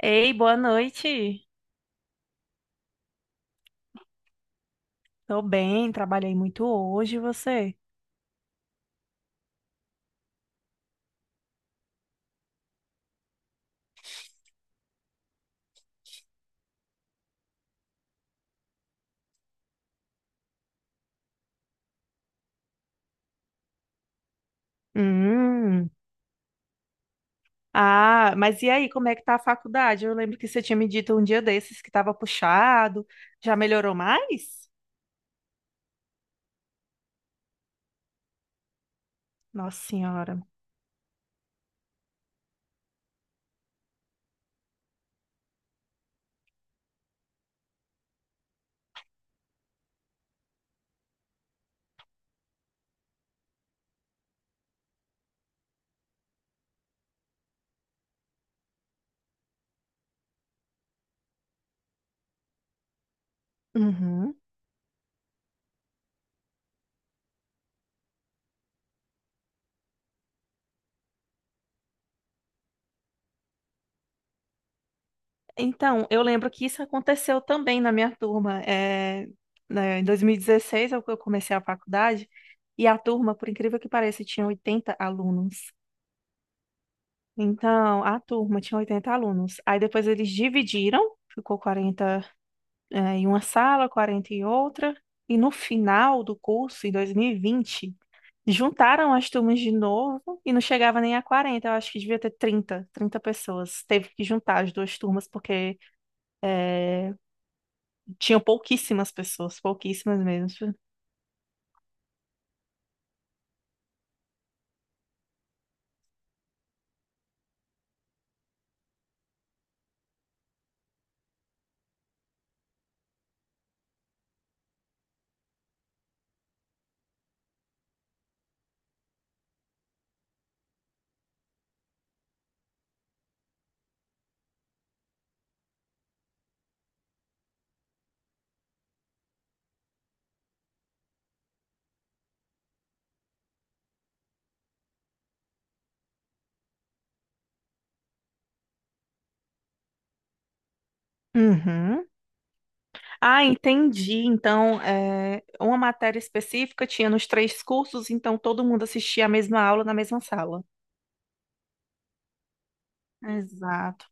Ei, boa noite. Tô bem, trabalhei muito hoje, e você? Hum. Ah, mas e aí, como é que tá a faculdade? Eu lembro que você tinha me dito um dia desses que tava puxado. Já melhorou mais? Nossa Senhora. Uhum. Então, eu lembro que isso aconteceu também na minha turma. É, né, em 2016 é o que eu comecei a faculdade, e a turma, por incrível que pareça, tinha 80 alunos. Então, a turma tinha 80 alunos. Aí depois eles dividiram, ficou 40 em uma sala, 40 em outra. E no final do curso, em 2020 juntaram as turmas de novo e não chegava nem a 40. Eu acho que devia ter 30, 30 pessoas. Teve que juntar as duas turmas porque eh, tinham pouquíssimas pessoas, pouquíssimas mesmo. Uhum. Ah, entendi. Então, uma matéria específica tinha nos três cursos, então todo mundo assistia a mesma aula na mesma sala. Exato.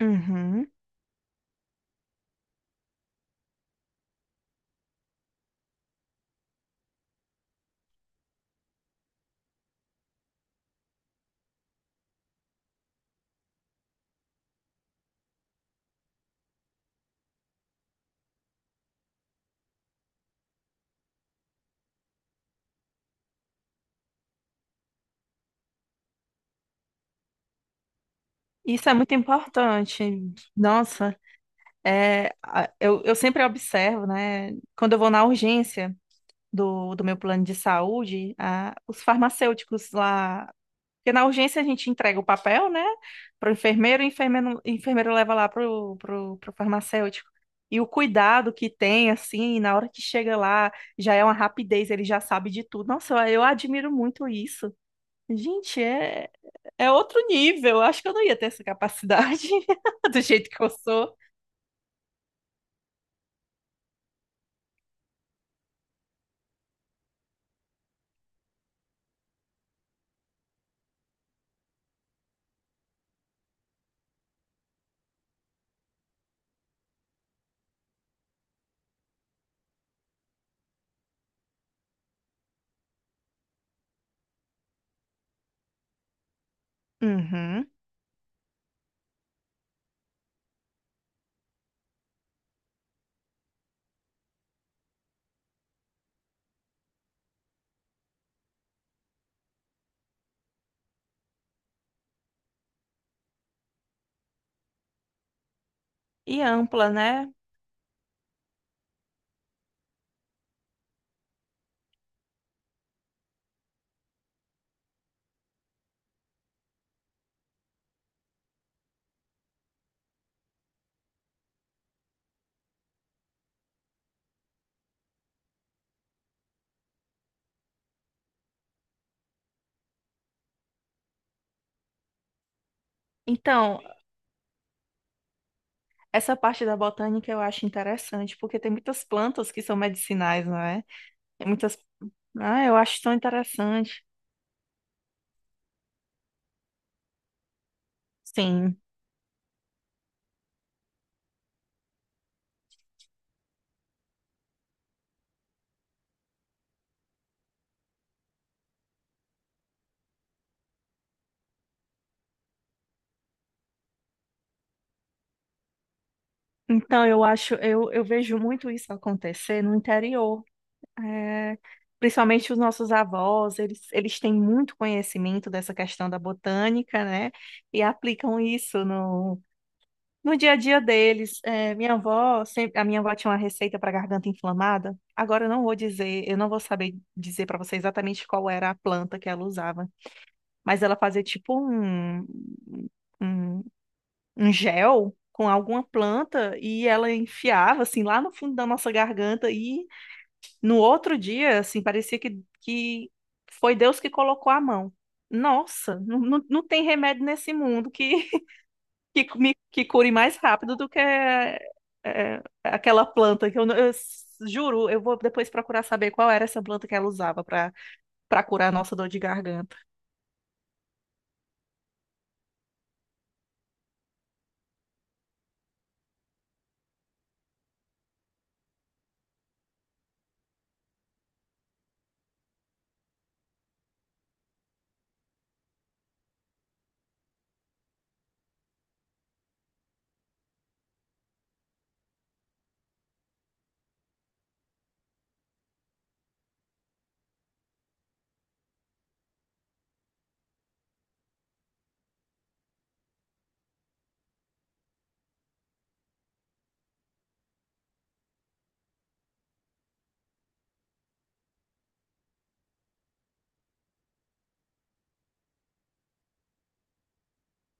Uhum. Isso é muito importante. Nossa, eu sempre observo, né? Quando eu vou na urgência do meu plano de saúde, os farmacêuticos lá. Porque na urgência a gente entrega o papel, né? Para o enfermeiro, e o enfermeiro leva lá pro farmacêutico. E o cuidado que tem, assim, na hora que chega lá, já é uma rapidez, ele já sabe de tudo. Nossa, eu admiro muito isso. Gente, É outro nível. Eu acho que eu não ia ter essa capacidade do jeito que eu sou. Uhum. E ampla, né? Então, essa parte da botânica eu acho interessante, porque tem muitas plantas que são medicinais, não é? Tem muitas. Ah, eu acho tão interessante. Sim. Então, eu vejo muito isso acontecer no interior. É, principalmente os nossos avós, eles têm muito conhecimento dessa questão da botânica, né? E aplicam isso no dia a dia deles. A minha avó tinha uma receita para garganta inflamada. Agora eu não vou saber dizer para você exatamente qual era a planta que ela usava, mas ela fazia tipo um, um gel com alguma planta e ela enfiava assim lá no fundo da nossa garganta e no outro dia, assim, parecia que foi Deus que colocou a mão. Nossa, não tem remédio nesse mundo que cure mais rápido do que aquela planta que eu, não- eu s- juro, eu vou depois procurar saber qual era essa planta que ela usava para curar a nossa dor de garganta.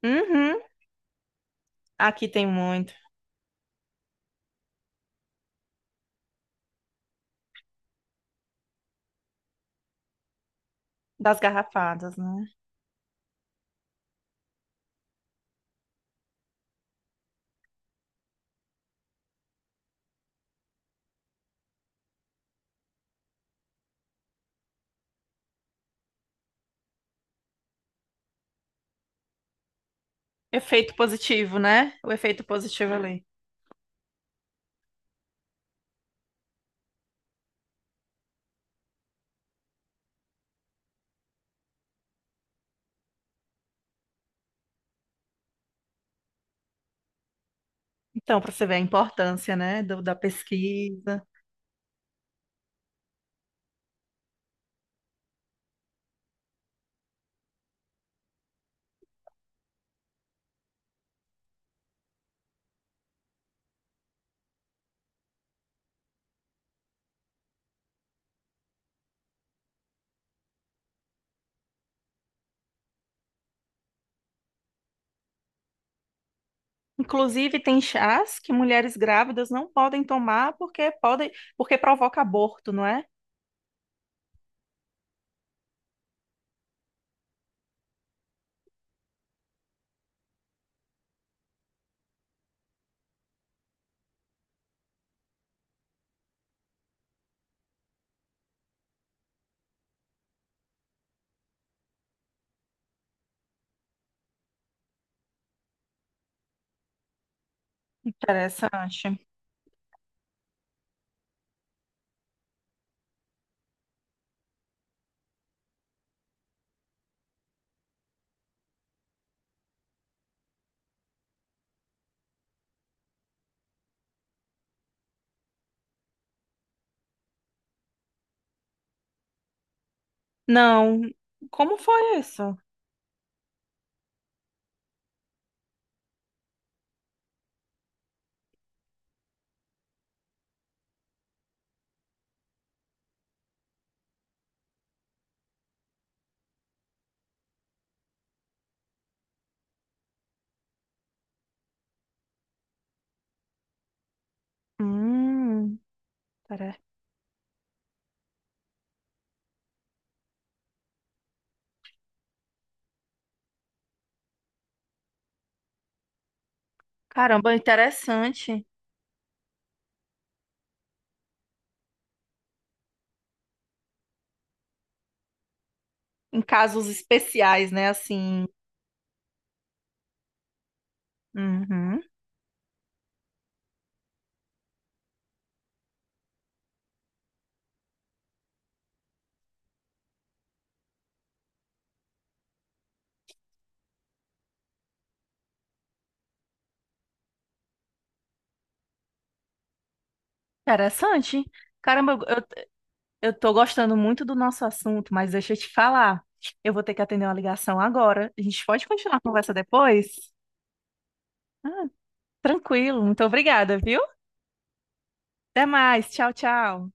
Uhum. Aqui tem muito das garrafadas, né? Efeito positivo, né? O efeito positivo ali. Então, para você ver a importância, né, da pesquisa. Inclusive, tem chás que mulheres grávidas não podem tomar porque provoca aborto, não é? Interessante. Não. Como foi isso? Hum, cara- caramba, interessante. Em casos especiais, né? Assim. Uhum, interessante. Caramba, eu tô gostando muito do nosso assunto, mas deixa eu te falar. Eu vou ter que atender uma ligação agora. A gente pode continuar a conversa depois? Ah, tranquilo, muito obrigada, viu? Até mais. Tchau, tchau.